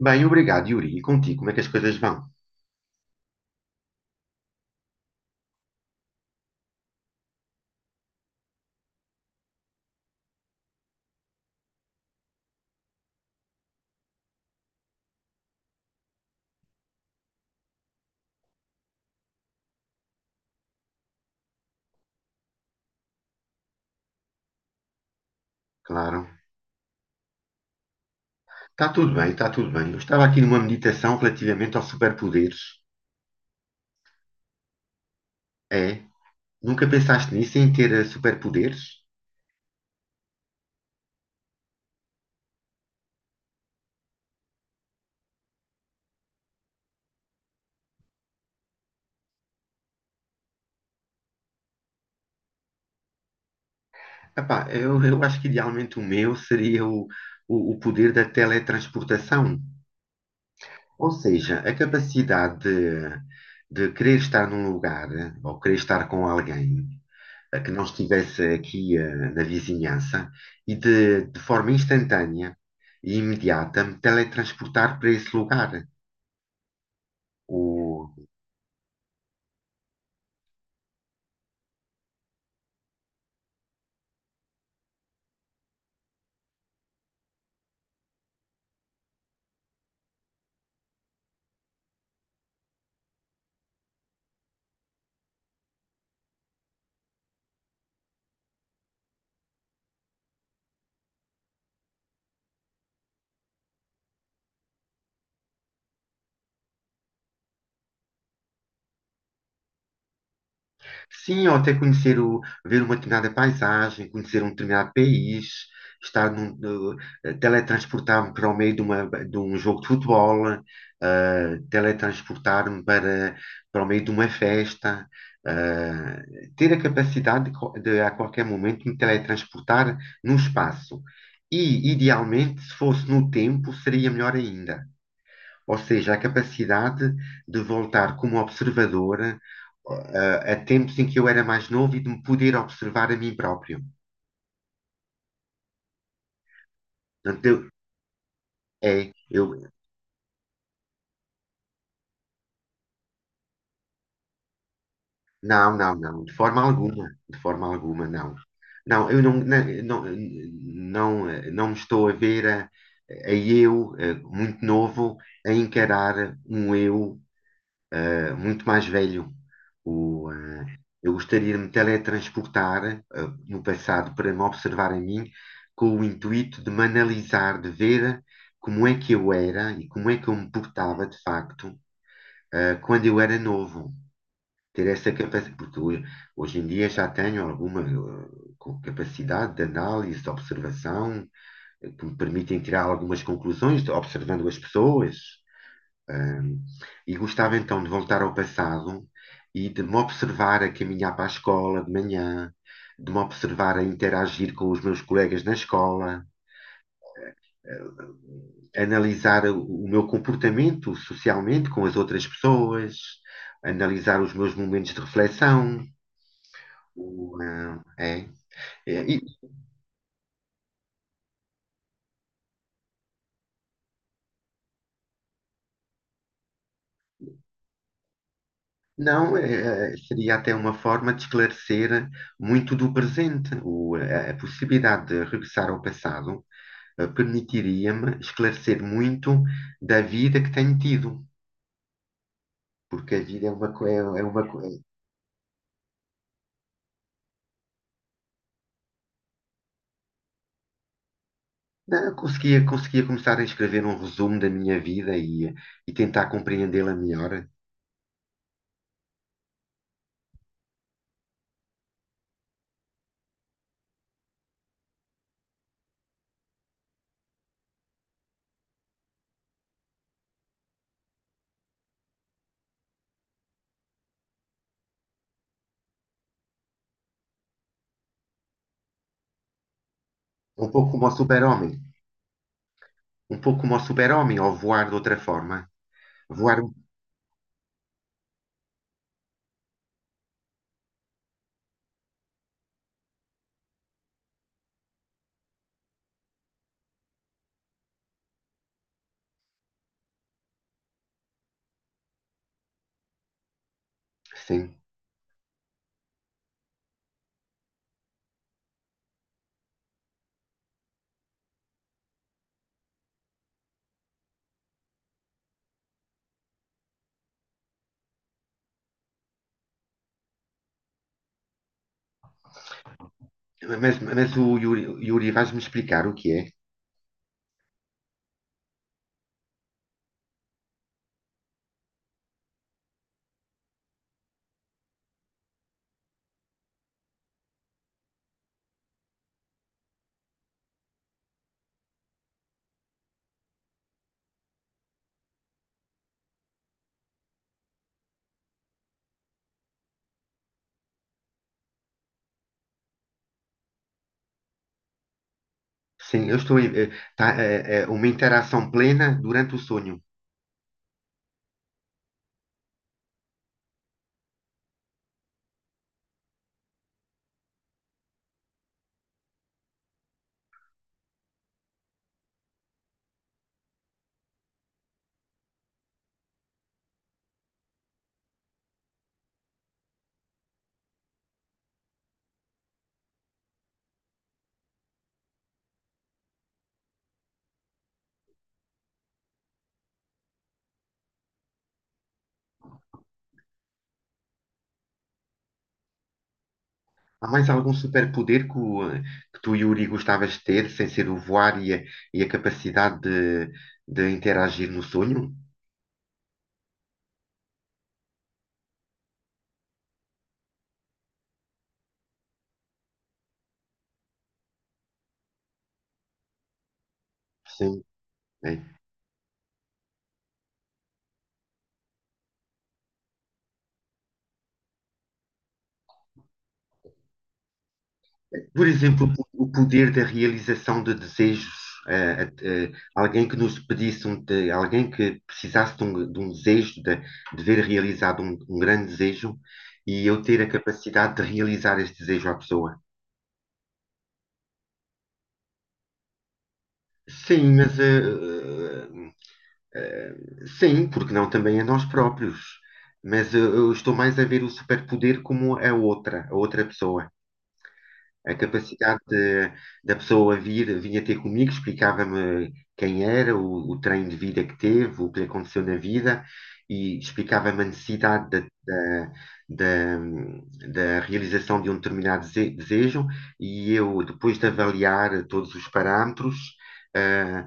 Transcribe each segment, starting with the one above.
Bem, obrigado, Yuri. E contigo, como é que as coisas vão? Claro. Está tudo bem, está tudo bem. Eu estava aqui numa meditação relativamente aos superpoderes. É? Nunca pensaste nisso, em ter superpoderes? Epá, eu acho que idealmente o meu seria o poder da teletransportação. Ou seja, a capacidade de querer estar num lugar ou querer estar com alguém a que não estivesse aqui na vizinhança e de forma instantânea e imediata me teletransportar para esse lugar. O, Sim, ou até conhecer o, ver uma determinada paisagem, conhecer um determinado país, estar num, no- teletransportar-me para o meio de, uma, de um jogo de futebol, teletransportar-me para, para o meio de uma festa, ter a capacidade de, a qualquer momento me teletransportar no espaço. E, idealmente, se fosse no tempo, seria melhor ainda. Ou seja, a capacidade de voltar como observadora a tempos em que eu era mais novo e de me poder observar a mim próprio. Portanto, eu, não, não, não, de forma alguma, não. Não, eu não, não, não, não, me estou a ver a, muito novo, a encarar um eu muito mais velho. Eu gostaria de me teletransportar, no passado para me observar a mim, com o intuito de me analisar, de ver como é que eu era e como é que eu me portava de facto, quando eu era novo. Ter essa capacidade, porque hoje em dia já tenho alguma capacidade de análise, de observação, que me permitem tirar algumas conclusões de- observando as pessoas. Ahm, e gostava então de voltar ao passado e de me observar a caminhar para a escola de manhã, de me observar a interagir com os meus colegas na escola, analisar o meu comportamento socialmente com as outras pessoas, analisar os meus momentos de reflexão. O, ah, é. É, e Não, seria até uma forma de esclarecer muito do presente, a possibilidade de regressar ao passado permitiria-me esclarecer muito da vida que tenho tido. Porque a vida é uma coisa. Não, eu conseguia, conseguia começar a escrever um resumo da minha vida e tentar compreendê-la melhor. Um pouco como o super-homem. Um pouco como o super-homem, ou voar de outra forma. Voar, sim. Mas o Yuri, Yuri, vais-me explicar o que é? Sim, eu estou em, tá, uma interação plena durante o sonho. Há mais algum superpoder que tu, Yuri, gostavas de ter, sem ser o voar e a capacidade de interagir no sonho? Sim. É. Por exemplo, o poder da realização de desejos. Alguém que nos pedisse, alguém que precisasse de um desejo, de ver realizado um, um grande desejo, e eu ter a capacidade de realizar esse desejo à pessoa. Sim, mas sim, porque não também a nós próprios. Mas eu estou mais a ver o superpoder como a outra pessoa. A capacidade de- da pessoa vir, vinha ter comigo, explicava-me quem era, o trem de vida que teve, o que lhe aconteceu na vida, e explicava-me a necessidade da, da, da realização de um determinado desejo, e eu, depois de avaliar todos os parâmetros, eh,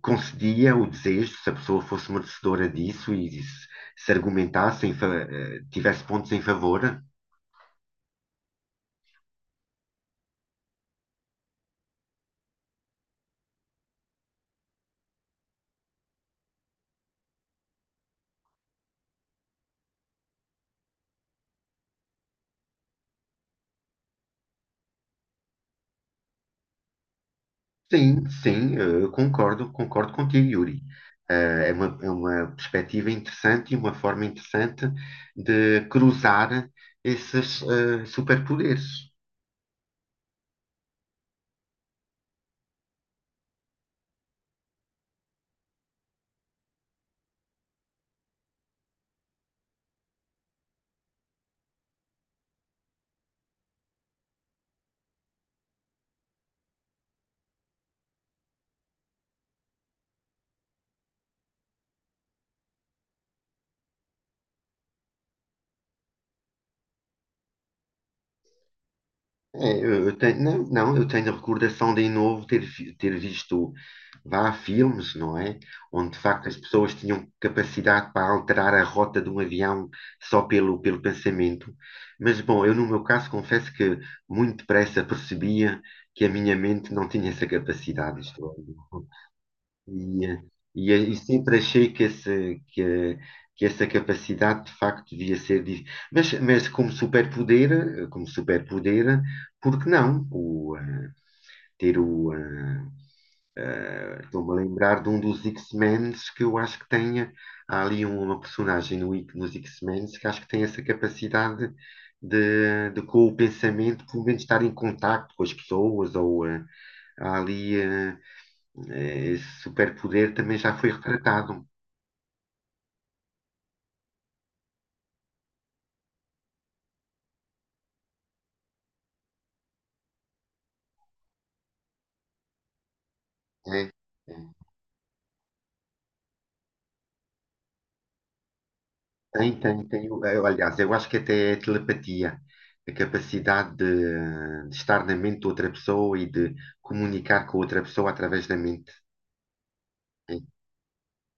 concedia o desejo, se a pessoa fosse merecedora disso e se argumentasse, tivesse pontos em favor. Sim, sim, concordo, concordo contigo, Yuri. É uma, é uma perspectiva interessante e uma forma interessante de cruzar esses superpoderes. É, eu tenho, não, não, eu tenho a recordação de em novo ter, ter visto vá filmes, não é? Onde de facto as pessoas tinham capacidade para alterar a rota de um avião só pelo, pelo pensamento. Mas bom, eu no meu caso confesso que muito depressa percebia que a minha mente não tinha essa capacidade. Isto é. E, eh, e sempre achei que, esse, que, eh, que essa capacidade de facto devia ser. Mas como superpoder, como superpoder, por que não? O, eh, ter o. eh, Estou-me a lembrar de um dos X-Men que eu acho que tem. Há ali uma personagem no, nos X-Men que acho que tem essa capacidade de, com o pensamento, pelo menos estar em contacto com as pessoas, há ali. Esse superpoder também já foi retratado. É, é. Tem, tem, tem. Aliás, eu acho que até é telepatia, a capacidade de estar na mente de outra pessoa e de comunicar com outra pessoa através da mente. É,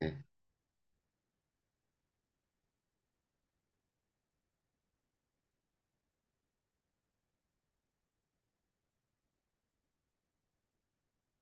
é.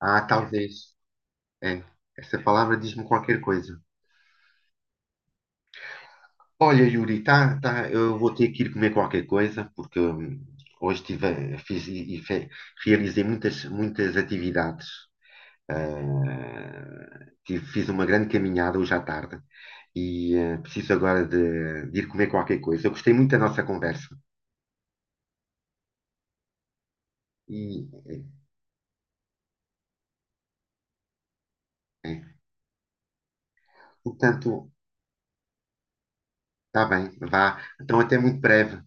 É. Talvez. É. Essa palavra diz-me qualquer coisa. Olha, Yuri, tá, tá, eu vou ter que ir comer qualquer coisa, porque hoje tive, a- fiz e fe- realizei muitas, muitas atividades. Tive- fiz uma grande caminhada hoje à tarde e preciso agora de ir comer qualquer coisa. Eu gostei muito da nossa conversa. E, eh, eh, Portanto, está bem, vá. Então, até muito breve.